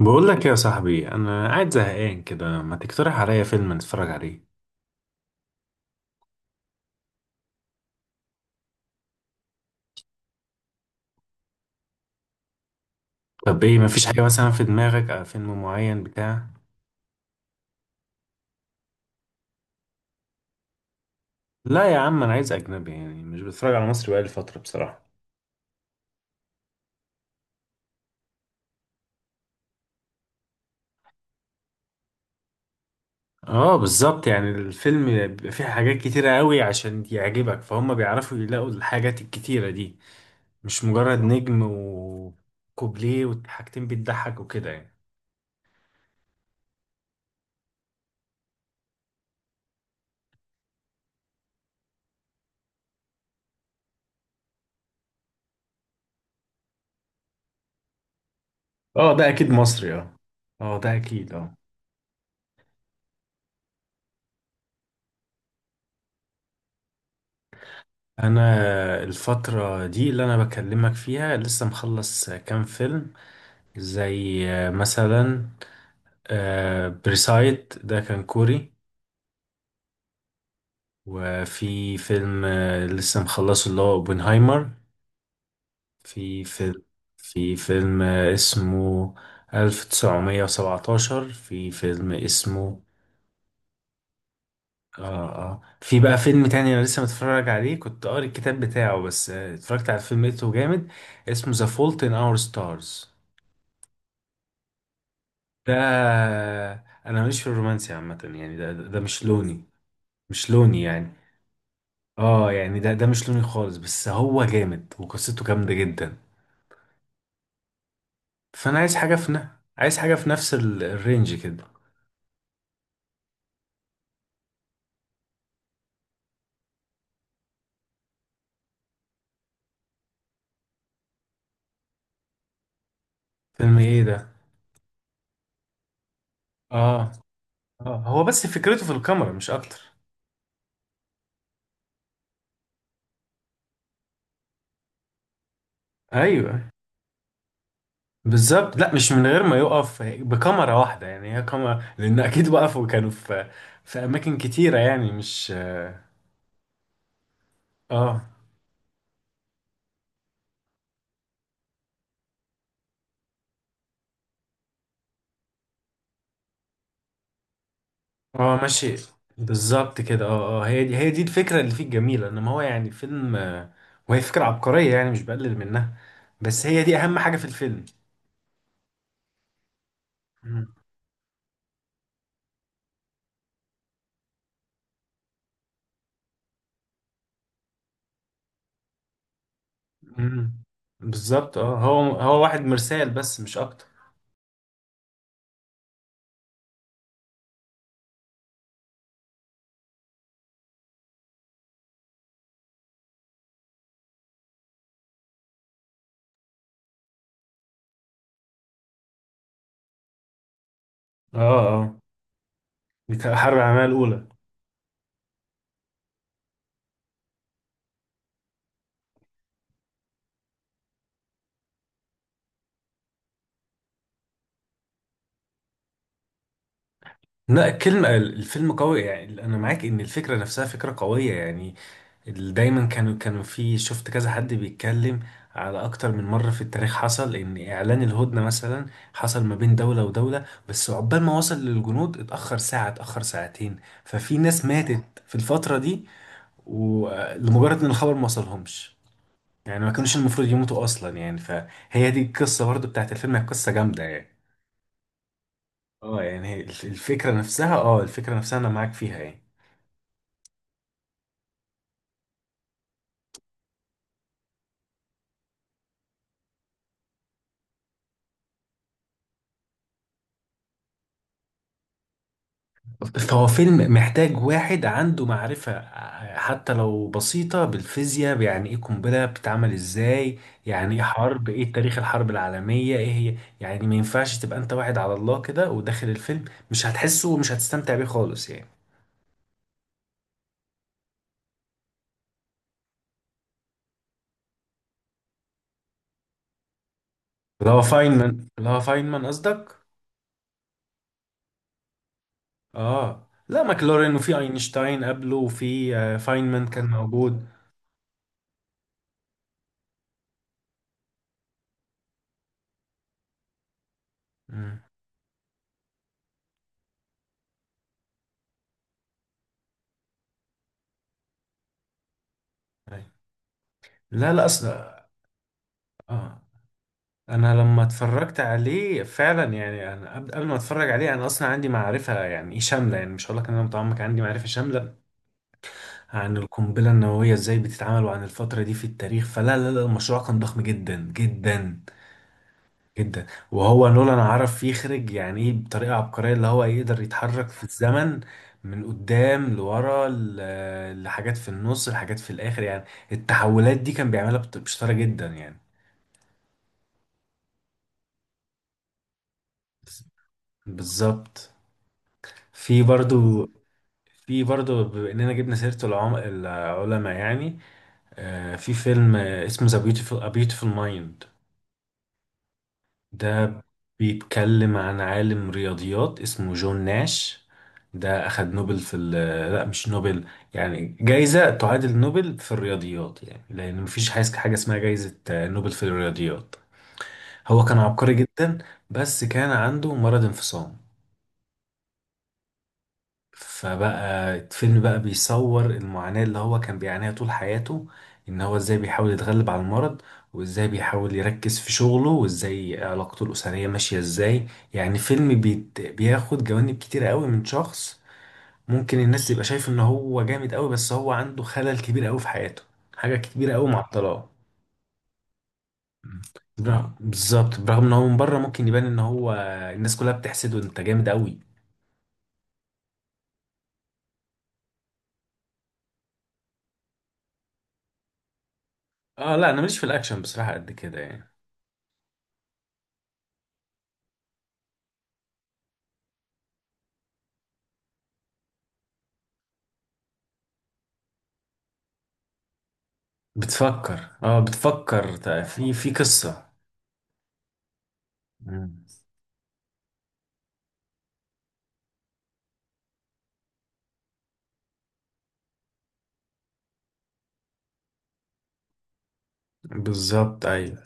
بقول لك يا صاحبي، انا قاعد زهقان كده، ما تقترح عليا فيلم نتفرج عليه؟ طب ايه؟ مفيش حاجه مثلا في دماغك أو فيلم معين بتاع؟ لا يا عم، انا عايز اجنبي يعني، مش بتفرج على مصري بقالي فتره بصراحه. اه بالظبط، يعني الفيلم بيبقى فيه حاجات كتيره قوي عشان يعجبك، فهم بيعرفوا يلاقوا الحاجات الكتيره دي. مش مجرد نجم وكوبليه وحاجتين بتضحك وكده يعني. اه، ده اكيد مصري، اه. اه، ده اكيد، اه. انا الفترة دي اللي انا بكلمك فيها لسه مخلص كام فيلم، زي مثلا بريسايد، ده كان كوري. وفي فيلم لسه مخلصه اللي هو اوبنهايمر. في فيلم في فيلم اسمه 1917. في فيلم اسمه. اه، اه، في بقى فيلم تاني انا لسه متفرج عليه، كنت قاري الكتاب بتاعه بس اتفرجت على الفيلم لقيته جامد. اسمه ذا فولت ان اور ستارز. ده، انا ماليش في الرومانسي عامه يعني، ده مش لوني. مش لوني يعني. اه، يعني ده مش لوني خالص، بس هو جامد وقصته جامده جدا. فانا عايز حاجه في نفس الرينج كده. فيلم ايه ده؟ اه، اه، هو بس فكرته في الكاميرا مش اكتر. ايوه بالظبط، لا مش من غير ما يقف بكاميرا واحده يعني، هي كاميرا لان اكيد وقفوا، كانوا في اماكن كتيره يعني، مش. اه، اه، ماشي. بالظبط كده، اه، اه، هي دي الفكره اللي فيه الجميله، انما هو يعني فيلم وهي فكره عبقريه يعني، مش بقلل منها. بس هي دي اهم حاجه في الفيلم. مم. مم. بالظبط، اه، هو واحد مرسال بس مش اكتر. اه، اه، بتاع الحرب العالميه الاولى. لا، الكلمه، الفيلم قوي يعني، انا معاك ان الفكره نفسها فكره قويه يعني. دايما كانوا في، شفت كذا حد بيتكلم على اكتر من مرة في التاريخ، حصل ان اعلان الهدنة مثلا حصل ما بين دولة ودولة، بس عقبال ما وصل للجنود اتأخر ساعة، اتأخر ساعتين. ففي ناس ماتت في الفترة دي، ولمجرد ان الخبر ما وصلهمش، يعني ما كانوش المفروض يموتوا اصلا يعني، فهي دي القصة برضو بتاعت الفيلم، هي قصة جامدة يعني. اه يعني، هي الفكرة نفسها انا معاك فيها يعني. فهو فيلم محتاج واحد عنده معرفة حتى لو بسيطة، بالفيزياء يعني ايه قنبلة بتتعمل ازاي، يعني ايه حرب، ايه تاريخ الحرب العالمية ايه هي يعني، ما ينفعش تبقى انت واحد على الله كده وداخل الفيلم. مش هتحسه ومش هتستمتع بيه خالص يعني. اللي هو فاينمان قصدك؟ اه، لا، ماكلورين، وفي اينشتاين قبله، وفي فاينمان كان موجود. مم. أيوة. لا، لا، اصلا. اه. انا لما اتفرجت عليه فعلا يعني، انا قبل ما اتفرج عليه انا اصلا عندي معرفه يعني ايه شامله، يعني مش هقول لك ان انا متعمق، عندي معرفه شامله عن القنبله النوويه ازاي بتتعمل، وعن الفتره دي في التاريخ. فلا، لا، لا، المشروع كان ضخم جدا جدا جدا. وهو نولان عرف يخرج يعني ايه بطريقه عبقريه، اللي هو يقدر يتحرك في الزمن من قدام لورا، لحاجات في النص، لحاجات في الاخر يعني. التحولات دي كان بيعملها بشطاره جدا يعني. بالظبط. في برضو. في برضه، بما اننا جبنا سيرة العلماء يعني. في فيلم اسمه ذا بيوتيفول A Beautiful Mind. ده بيتكلم عن عالم رياضيات اسمه جون ناش. ده أخد نوبل في. لا، مش نوبل. يعني جايزة تعادل نوبل في الرياضيات يعني، لأن مفيش حاجة اسمها جايزة نوبل في الرياضيات. هو كان عبقري جدا. بس كان عنده مرض انفصام. فبقى الفيلم بقى بيصور المعاناة اللي هو كان بيعانيها طول حياته، ان هو ازاي بيحاول يتغلب على المرض، وازاي بيحاول يركز في شغله، وازاي علاقته الأسرية ماشية ازاي. يعني فيلم بيت بياخد جوانب كتيرة قوي من شخص ممكن الناس تبقى شايف ان هو جامد قوي، بس هو عنده خلل كبير قوي في حياته، حاجة كبيرة قوي معطلاه. مم. بالظبط، برغم ان هو من بره ممكن يبان ان هو الناس كلها بتحسده، انت جامد قوي. اه، لا، انا ماليش في الاكشن بصراحة قد كده يعني. بتفكر في قصة. مم. بالظبط ايوه.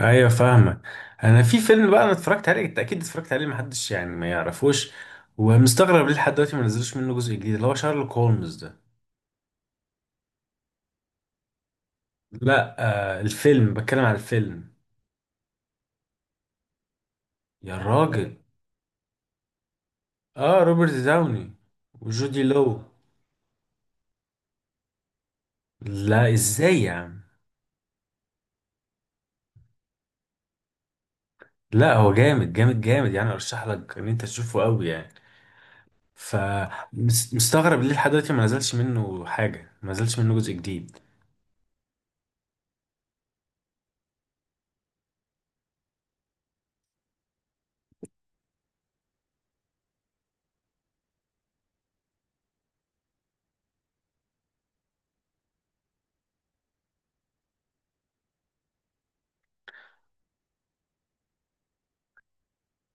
ايوه، فاهمك. انا في فيلم بقى انا اتفرجت عليه، انت اكيد اتفرجت عليه، محدش يعني ما يعرفوش، ومستغرب ليه لحد دلوقتي ما نزلوش منه جزء جديد، اللي هو شارلوك هولمز ده. لا. الفيلم، بتكلم على الفيلم. يا راجل. اه، روبرت داوني وجودي لو. لا، ازاي يا عم؟ لا، هو جامد جامد جامد يعني، ارشح لك ان انت تشوفه قوي يعني. فمستغرب ليه لحد دلوقتي ما نزلش منه حاجة، ما نزلش منه جزء جديد.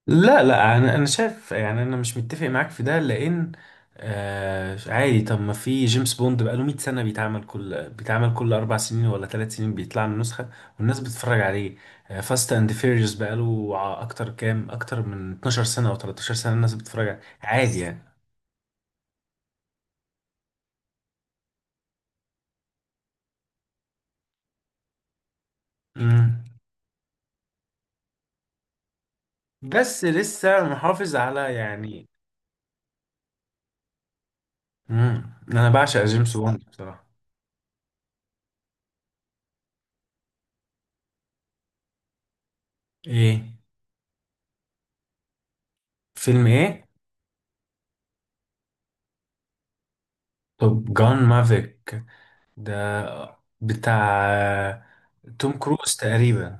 لا، لا، انا شايف يعني، انا مش متفق معاك في ده لان. عادي، طب ما في جيمس بوند بقاله 100 سنة، بيتعمل كل 4 سنين ولا 3 سنين بيطلع له نسخة، والناس بتتفرج عليه. فاست أند فيريوس بقاله أكتر من 12 سنة أو 13 سنة، الناس بتتفرج عليه عادي يعني. مم. بس لسه محافظ على يعني. مم. أنا بعشق جيمس بوند بصراحة. ايه؟ فيلم ايه؟ طب جان مافيك ده؟ بتاع توم كروز تقريبا.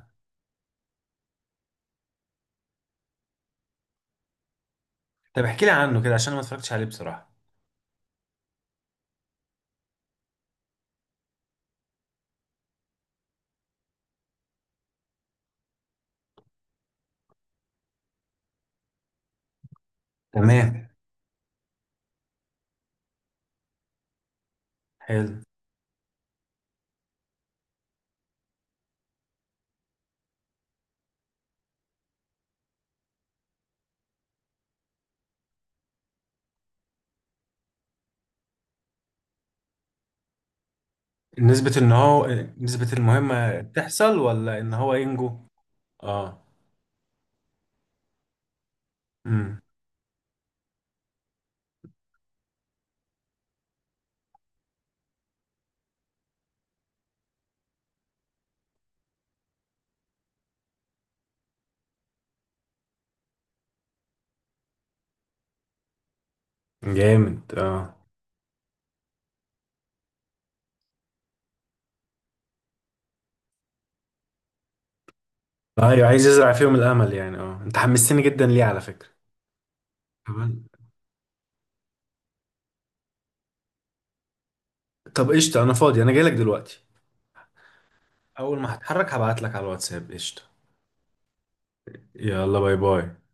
طب احكي لي عنه كده، عشان أنا ما اتفرجتش عليه بصراحة. تمام. حلو. نسبة ان هو، نسبة المهمة تحصل ولا ان هو ينجو؟ اه. امم. جامد، اه. ايوه، عايز يزرع فيهم الامل يعني، انت حمستني جدا ليه على فكرة. تمام. طب قشطة، انا فاضي، انا جايلك دلوقتي. اول ما هتحرك هبعت لك على الواتساب، قشطة. يلا، باي باي.